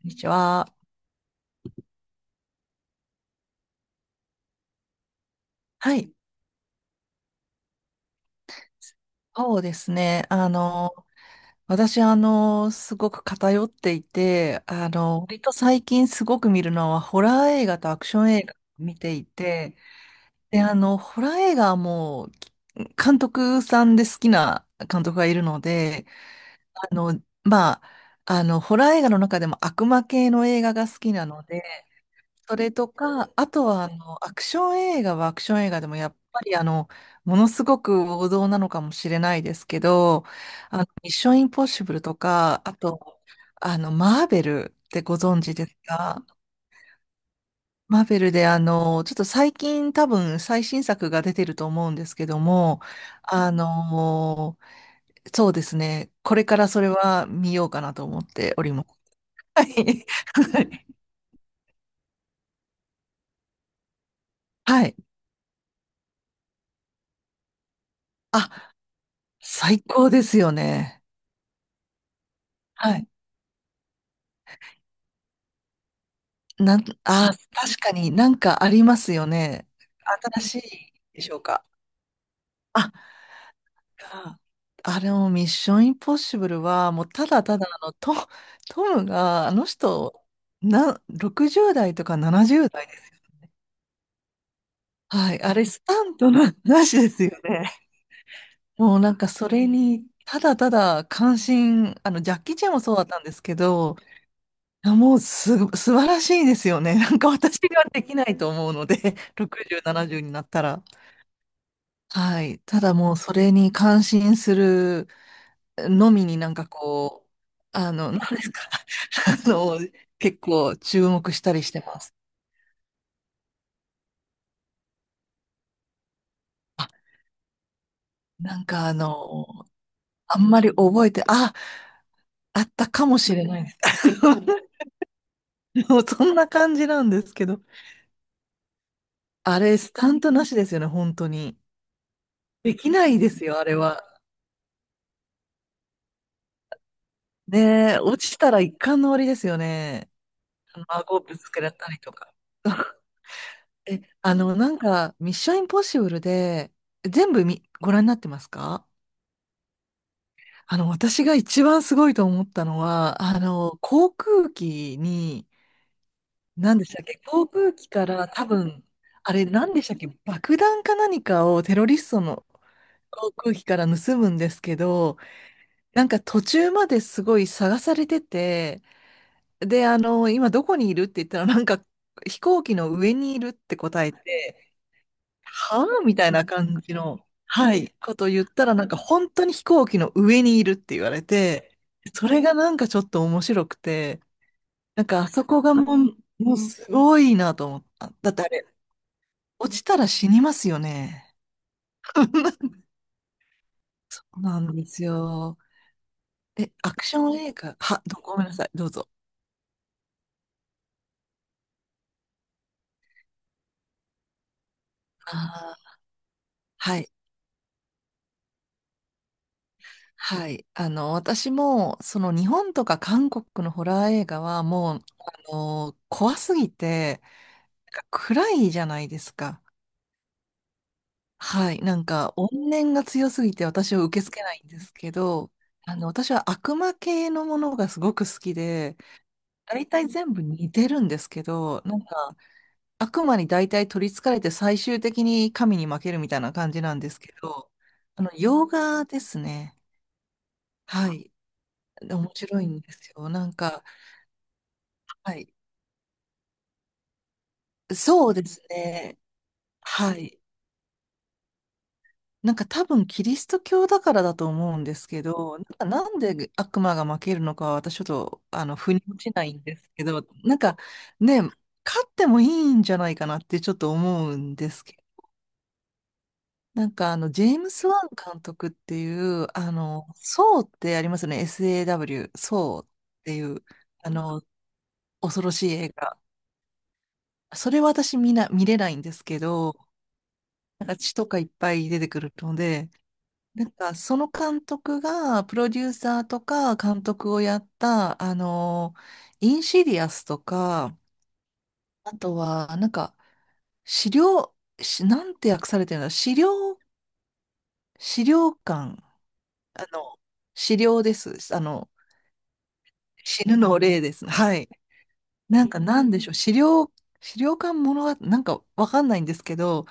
こんにちは。はい。そうですね。私、すごく偏っていて、割と最近すごく見るのは、ホラー映画とアクション映画を見ていて、で、ホラー映画はもう、監督さんで好きな監督がいるので、あの、まあ、ホラー映画の中でも悪魔系の映画が好きなので、それとか、あとはアクション映画はアクション映画でもやっぱりものすごく王道なのかもしれないですけど、ミッションインポッシブルとか、あと、マーベルってご存知ですか？マーベルでちょっと最近多分最新作が出てると思うんですけども、あの、そうですね、これからそれは見ようかなと思っております。はい。はい。あ、最高ですよね。はい。なん、あー、確かになんかありますよね。新しいでしょうか？あ、あ、あれもミッションインポッシブルは、もうただただトムが、あの人、60代とか70代ですよね。はい、あれスタントの話ですよね。もうなんかそれに、ただただ関心、ジャッキー・チェンもそうだったんですけど、いやもう素晴らしいですよね。なんか私ができないと思うので、60、70になったら。はい。ただもうそれに感心するのみになんかこう、なんですか？あの、結構注目したりしてます。あ、なんかあんまり覚えて、あ、あったかもしれないです。もうそんな感じなんですけど。あれ、スタントなしですよね、本当に。できないですよ、あれは。ねえ、落ちたら一巻の終わりですよね。あの顎ぶつけられたりとか。え、なんか、ミッションインポッシブルで、全部み、ご覧になってますか？私が一番すごいと思ったのは、航空機に、何でしたっけ？航空機から多分、あれ、何でしたっけ？爆弾か何かをテロリストの航空機から盗むんですけど、なんか途中まですごい探されてて、で、今どこにいるって言ったら、なんか飛行機の上にいるって答えて、はあみたいな感じの、はい、ことを言ったら、なんか本当に飛行機の上にいるって言われて、それがなんかちょっと面白くて、なんかあそこがもうすごいなと思った。だってあれ、落ちたら死にますよね。そうなんですよ。え、アクション映画、は、どごめんなさい、どうぞ。あーはい、はい。私も、その日本とか韓国のホラー映画はもう、怖すぎて、なんか暗いじゃないですか。はい。なんか、怨念が強すぎて私は受け付けないんですけど、私は悪魔系のものがすごく好きで、大体全部似てるんですけど、なんか、悪魔に大体取り憑かれて最終的に神に負けるみたいな感じなんですけど、洋画ですね。はい。面白いんですよ。なんか、はい。そうですね。はい。なんか多分キリスト教だからだと思うんですけど、なんかなんで悪魔が負けるのかは私ちょっと腑に落ちないんですけど、なんかね、勝ってもいいんじゃないかなってちょっと思うんですけど、なんかあのジェームス・ワン監督っていう、ソーってありますよね、SAW、ソーっていう、あの、恐ろしい映画。それは私みんな見れないんですけど、なんか血とかいっぱい出てくるので、なんか、その監督が、プロデューサーとか監督をやった、インシディアスとか、あとは、なんか、資料、なんて訳されてるの？資料、資料館、あの、資料です。死ぬの霊です。はい。なんか、なんでしょう。資料、資料館ものは、なんか、わかんないんですけど、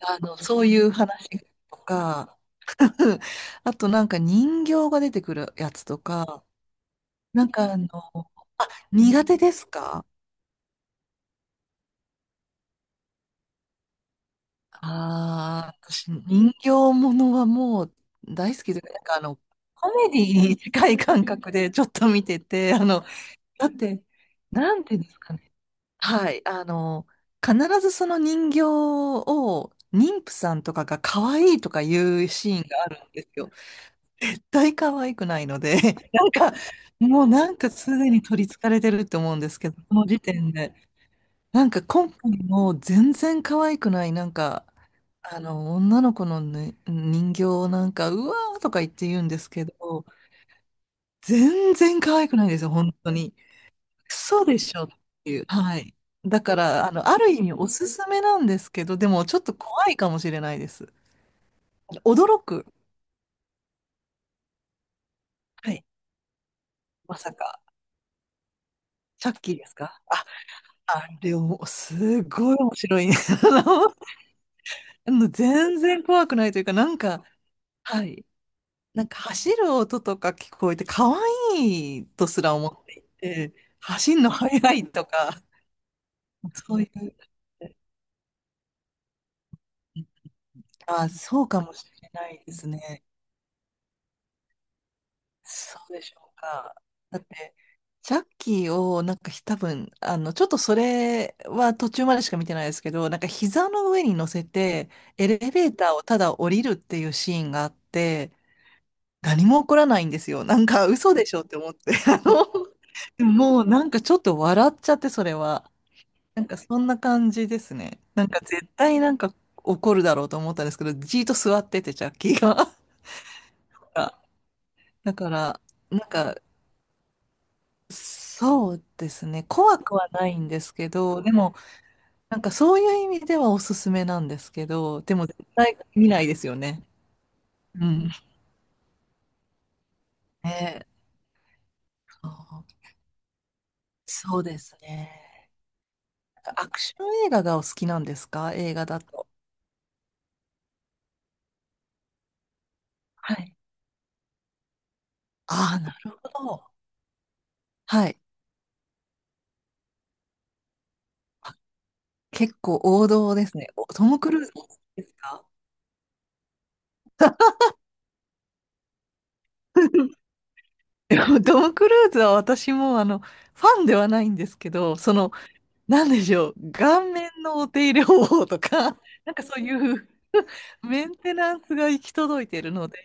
そういう話とか、あとなんか人形が出てくるやつとか、なんか苦手ですか？ああー、私、人形ものはもう大好きで、なんかコメディに近い感覚でちょっと見てて、だって、なんていうんですかね？はい、必ずその人形を、妊婦さんとかが可愛いとかいうシーンがあるんですよ。絶対可愛くないので、なんか、もうなんかすでに取り憑かれてると思うんですけど、この時点で。なんか今回も全然可愛くない、なんか、女の子の、ね、人形をなんか、うわーとか言って言うんですけど、全然可愛くないですよ、本当に。クソでしょっていう。はい。だから、ある意味おすすめなんですけど、でもちょっと怖いかもしれないです。驚く。はい。まさか、チャッキーですかあ？あれを、すごい面白い。あの、全然怖くないというか、なんか、はい。なんか走る音とか聞こえて、可愛いとすら思っていて、走るの速いとか、そういう、あ、そうかもしれないですね。そうでしょうか？だって、ジャッキーを、なんか多分、ちょっとそれは途中までしか見てないですけど、なんか膝の上に乗せて、エレベーターをただ降りるっていうシーンがあって、何も起こらないんですよ。なんか嘘でしょって思って。でももうなんかちょっと笑っちゃって、それは。なんかそんな感じですね。なんか絶対なんか怒るだろうと思ったんですけど、じーっと座ってて、ジャッキーが。だから、なんか、そうですね。怖くはないんですけど、でも、なんかそういう意味ではおすすめなんですけど、でも絶対見ないですよね。うん。ね、そうそうですね。アクション映画がお好きなんですか？映画だと。はい。ああ、なるほど。はい。結構王道ですね。トム・クルーズお好きですか？ でもトム・クルーズは私もファンではないんですけど、その、なんでしょう、顔面のお手入れ方法とか、なんかそういうメンテナンスが行き届いているので、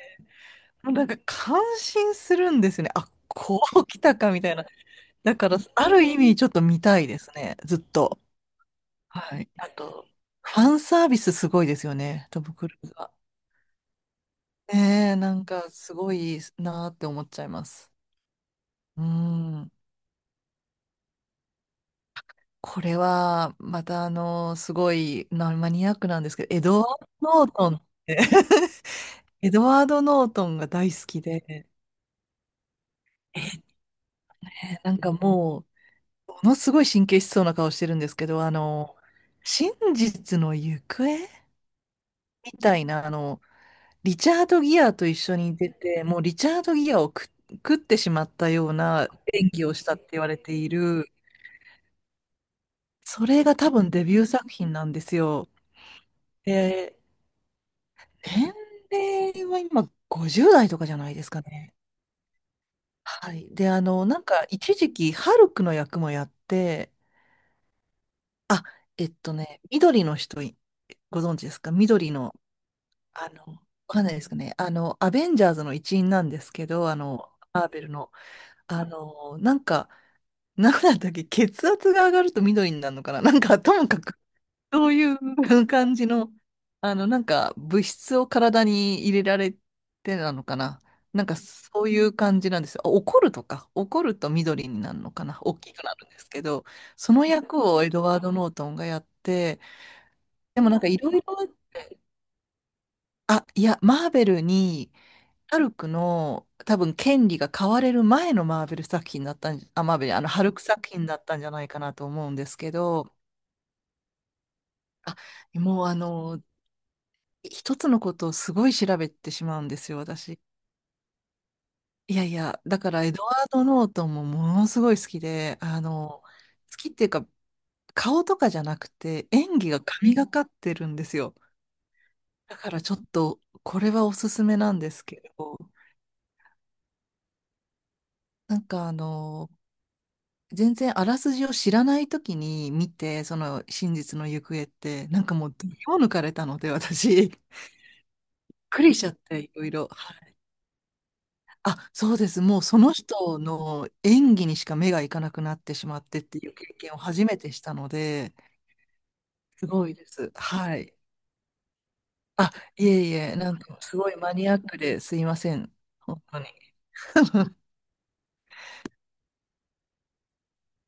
もうなんか感心するんですよね。あ、こう来たかみたいな。だから、ある意味ちょっと見たいですね。ずっと。はい。あと、ファンサービスすごいですよね、トム・クルーズは。ねえ、なんかすごいなーって思っちゃいます。うん。これは、またすごいなマニアックなんですけど、エドワード・ノートンって エドワード・ノートンが大好きで、えーねなんかもう、ものすごい神経質そうな顔してるんですけど、真実の行方みたいな、リチャード・ギアと一緒に出て、もうリチャード・ギアを食ってしまったような演技をしたって言われている、それが多分デビュー作品なんですよ。で、年齢は今50代とかじゃないですかね。はい。で、なんか一時期、ハルクの役もやって、あ、ね、緑の人ご存知ですか？緑の、わかんないですかね。アベンジャーズの一員なんですけど、マーベルの、なんか、なんだったっけ？血圧が上がると緑になるのかな？なんか、ともかく、そういう 感じの、なんか、物質を体に入れられてなのかな？なんか、そういう感じなんですよ。怒ると緑になるのかな？大きくなるんですけど、その役をエドワード・ノートンがやって、でもなんか、いろいろ、あ、いや、マーベルに、ハルクの多分権利が買われる前のマーベル作品だったんじあ、マーベル、あのハルク作品だったんじゃないかなと思うんですけど、あ、もう一つのことをすごい調べてしまうんですよ、私。いやいや、だからエドワード・ノートンもものすごい好きで、好きっていうか、顔とかじゃなくて、演技が神がかってるんですよ。だからちょっと、これはおすすめなんですけど、なんか全然あらすじを知らない時に見て、その真実の行方って、なんかもう、どぎも抜かれたので、私、びっくりしちゃって、いろいろ。あ、そうです。もうその人の演技にしか目がいかなくなってしまってっていう経験を初めてしたので、すごいです。はい。あ、いえいえ、なんかすごいマニアックですいません。本当に。